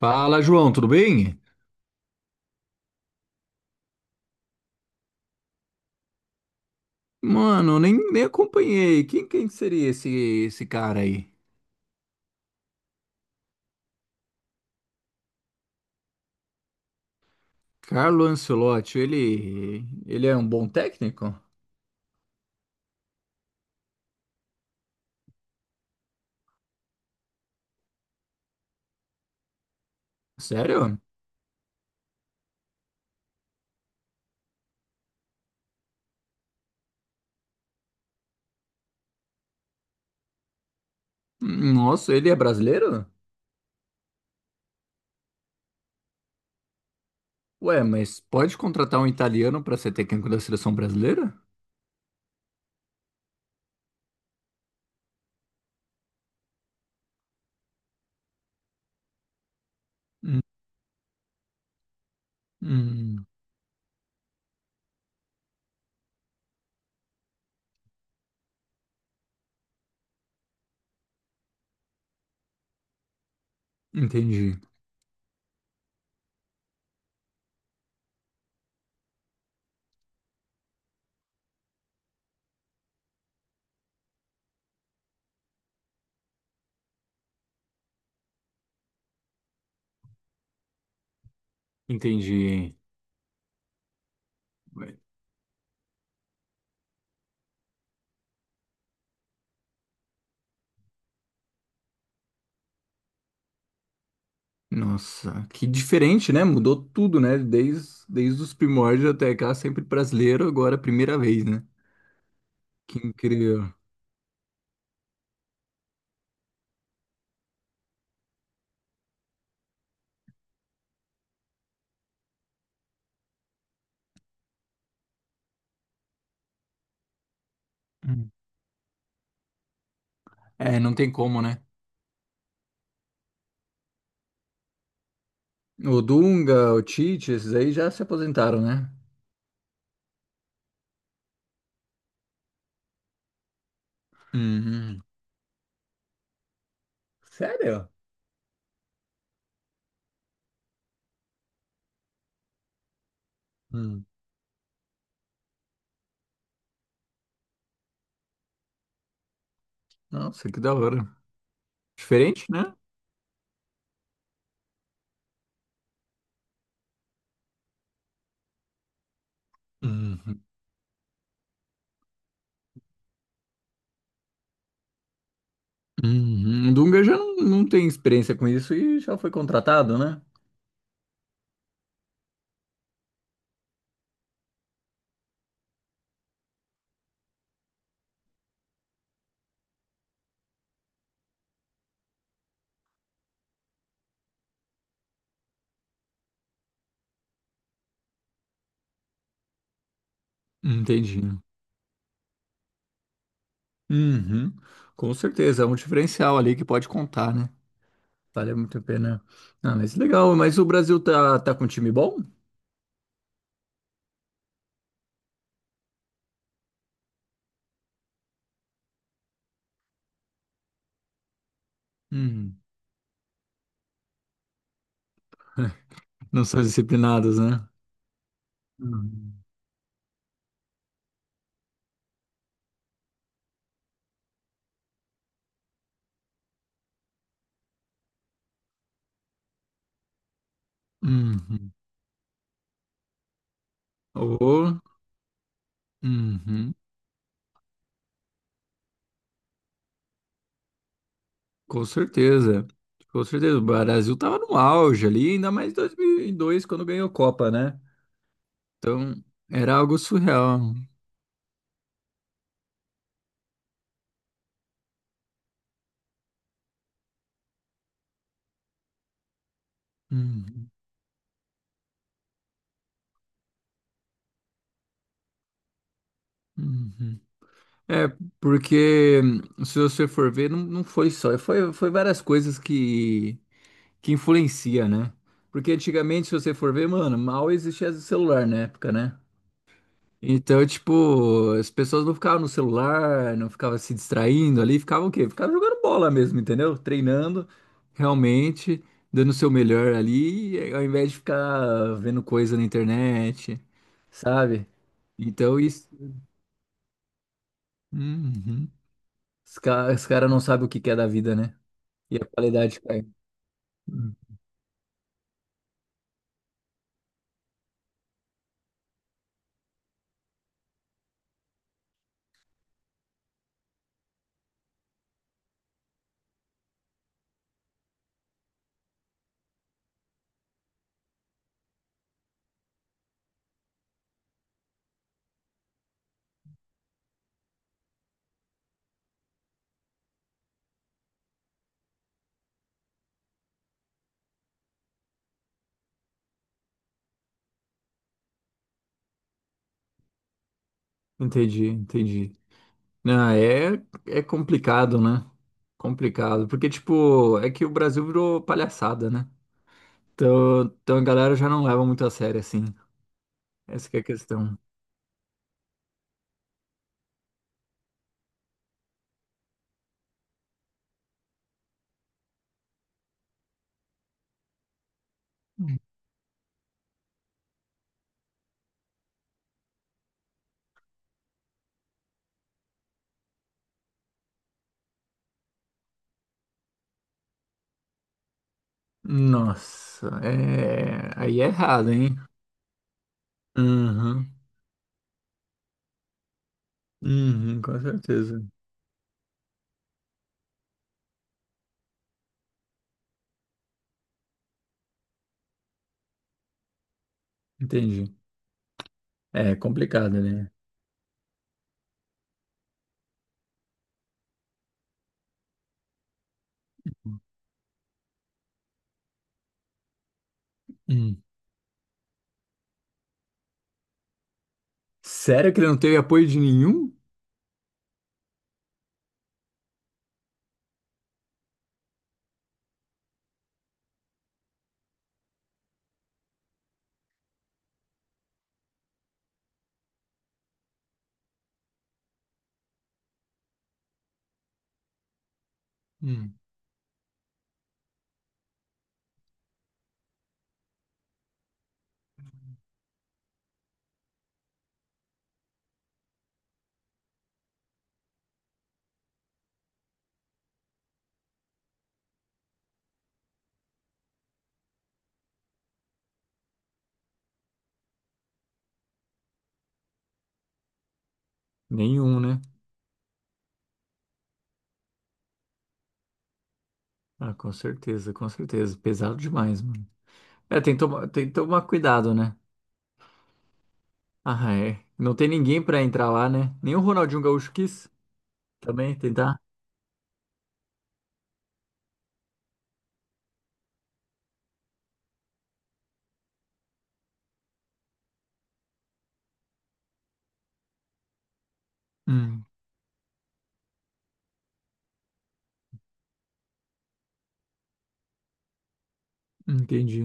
Fala, João, tudo bem? Mano, nem acompanhei. Quem seria esse cara aí? Carlo Ancelotti, ele é um bom técnico? Sério? Nossa, ele é brasileiro? Ué, mas pode contratar um italiano para ser técnico da seleção brasileira? Hum, hum, entendi, entendi. Ué, nossa, que diferente, né? Mudou tudo, né? Desde os primórdios até cá, sempre brasileiro, agora é a primeira vez, né? Que incrível. É, não tem como, né? O Dunga, o Tite, esses aí já se aposentaram, né? Uhum. Sério? Uhum. Nossa, que da hora. Diferente, né? Uhum. Uhum. O Dunga já não tem experiência com isso e já foi contratado, né? Entendi. Uhum. Com certeza, é um diferencial ali que pode contar, né? Vale muito a pena. Ah, mas legal, mas o Brasil tá com um time bom? Uhum. Não são disciplinados, né? Uhum. Uhum. Ô, uhum. Com certeza, com certeza. O Brasil tava no auge ali, ainda mais em 2002, quando ganhou a Copa, né? Então, era algo surreal. Uhum, uhum. É, porque se você for ver, não foi só, foi várias coisas que influencia, né? Porque antigamente, se você for ver, mano, mal existia celular na época, né? Então, tipo, as pessoas não ficavam no celular, não ficavam se distraindo ali, ficavam o quê? Ficavam jogando bola mesmo, entendeu? Treinando, realmente, dando o seu melhor ali, ao invés de ficar vendo coisa na internet, sabe? Então, isso. Uhum. Os caras não sabem o que que é da vida, né? E a qualidade cai. Hum, Entendi, entendi. Não, é, é complicado, né? Complicado. Porque, tipo, é que o Brasil virou palhaçada, né? Então, então a galera já não leva muito a sério assim. Essa que é a questão. Nossa, é aí é errado, hein? Uhum, uhum, com certeza. Entendi. É complicado, né? Hum. Sério que ele não teve apoio de nenhum? Hum, Nenhum, né? Ah, com certeza, com certeza. Pesado demais, mano. É, tem que tomar cuidado, né? Ah, é. Não tem ninguém pra entrar lá, né? Nem o Ronaldinho Gaúcho quis também tentar. Hum, entendi.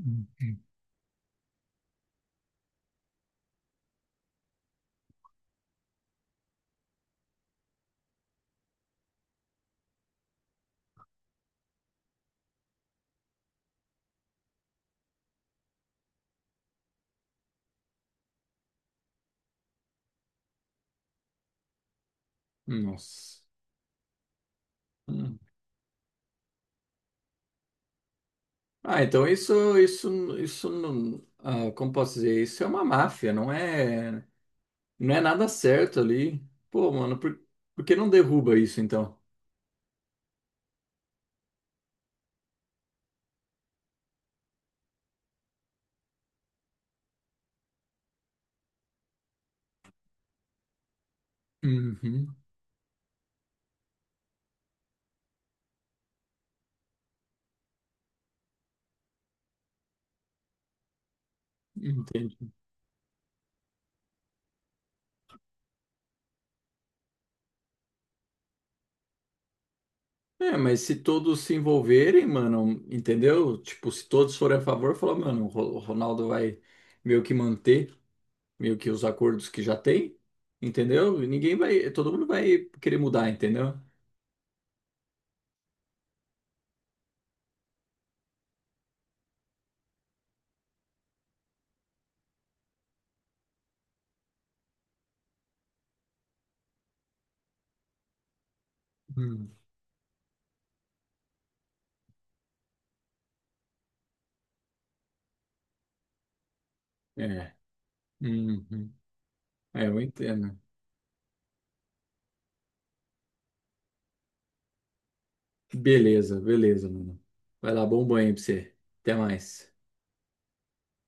Hum. Nossa. Hum. Ah, então isso, ah, como posso dizer, isso é uma máfia, não é, não é nada certo ali. Pô, mano, por que não derruba isso então? Uhum, entendi. É, mas se todos se envolverem, mano, entendeu? Tipo, se todos forem a favor, falar, mano, o Ronaldo vai meio que manter, meio que os acordos que já tem, entendeu? E ninguém vai, todo mundo vai querer mudar, entendeu? Hum. É. Uhum. É, eu entendo. Beleza, beleza, mano. Vai lá, bom banho aí pra você. Até mais.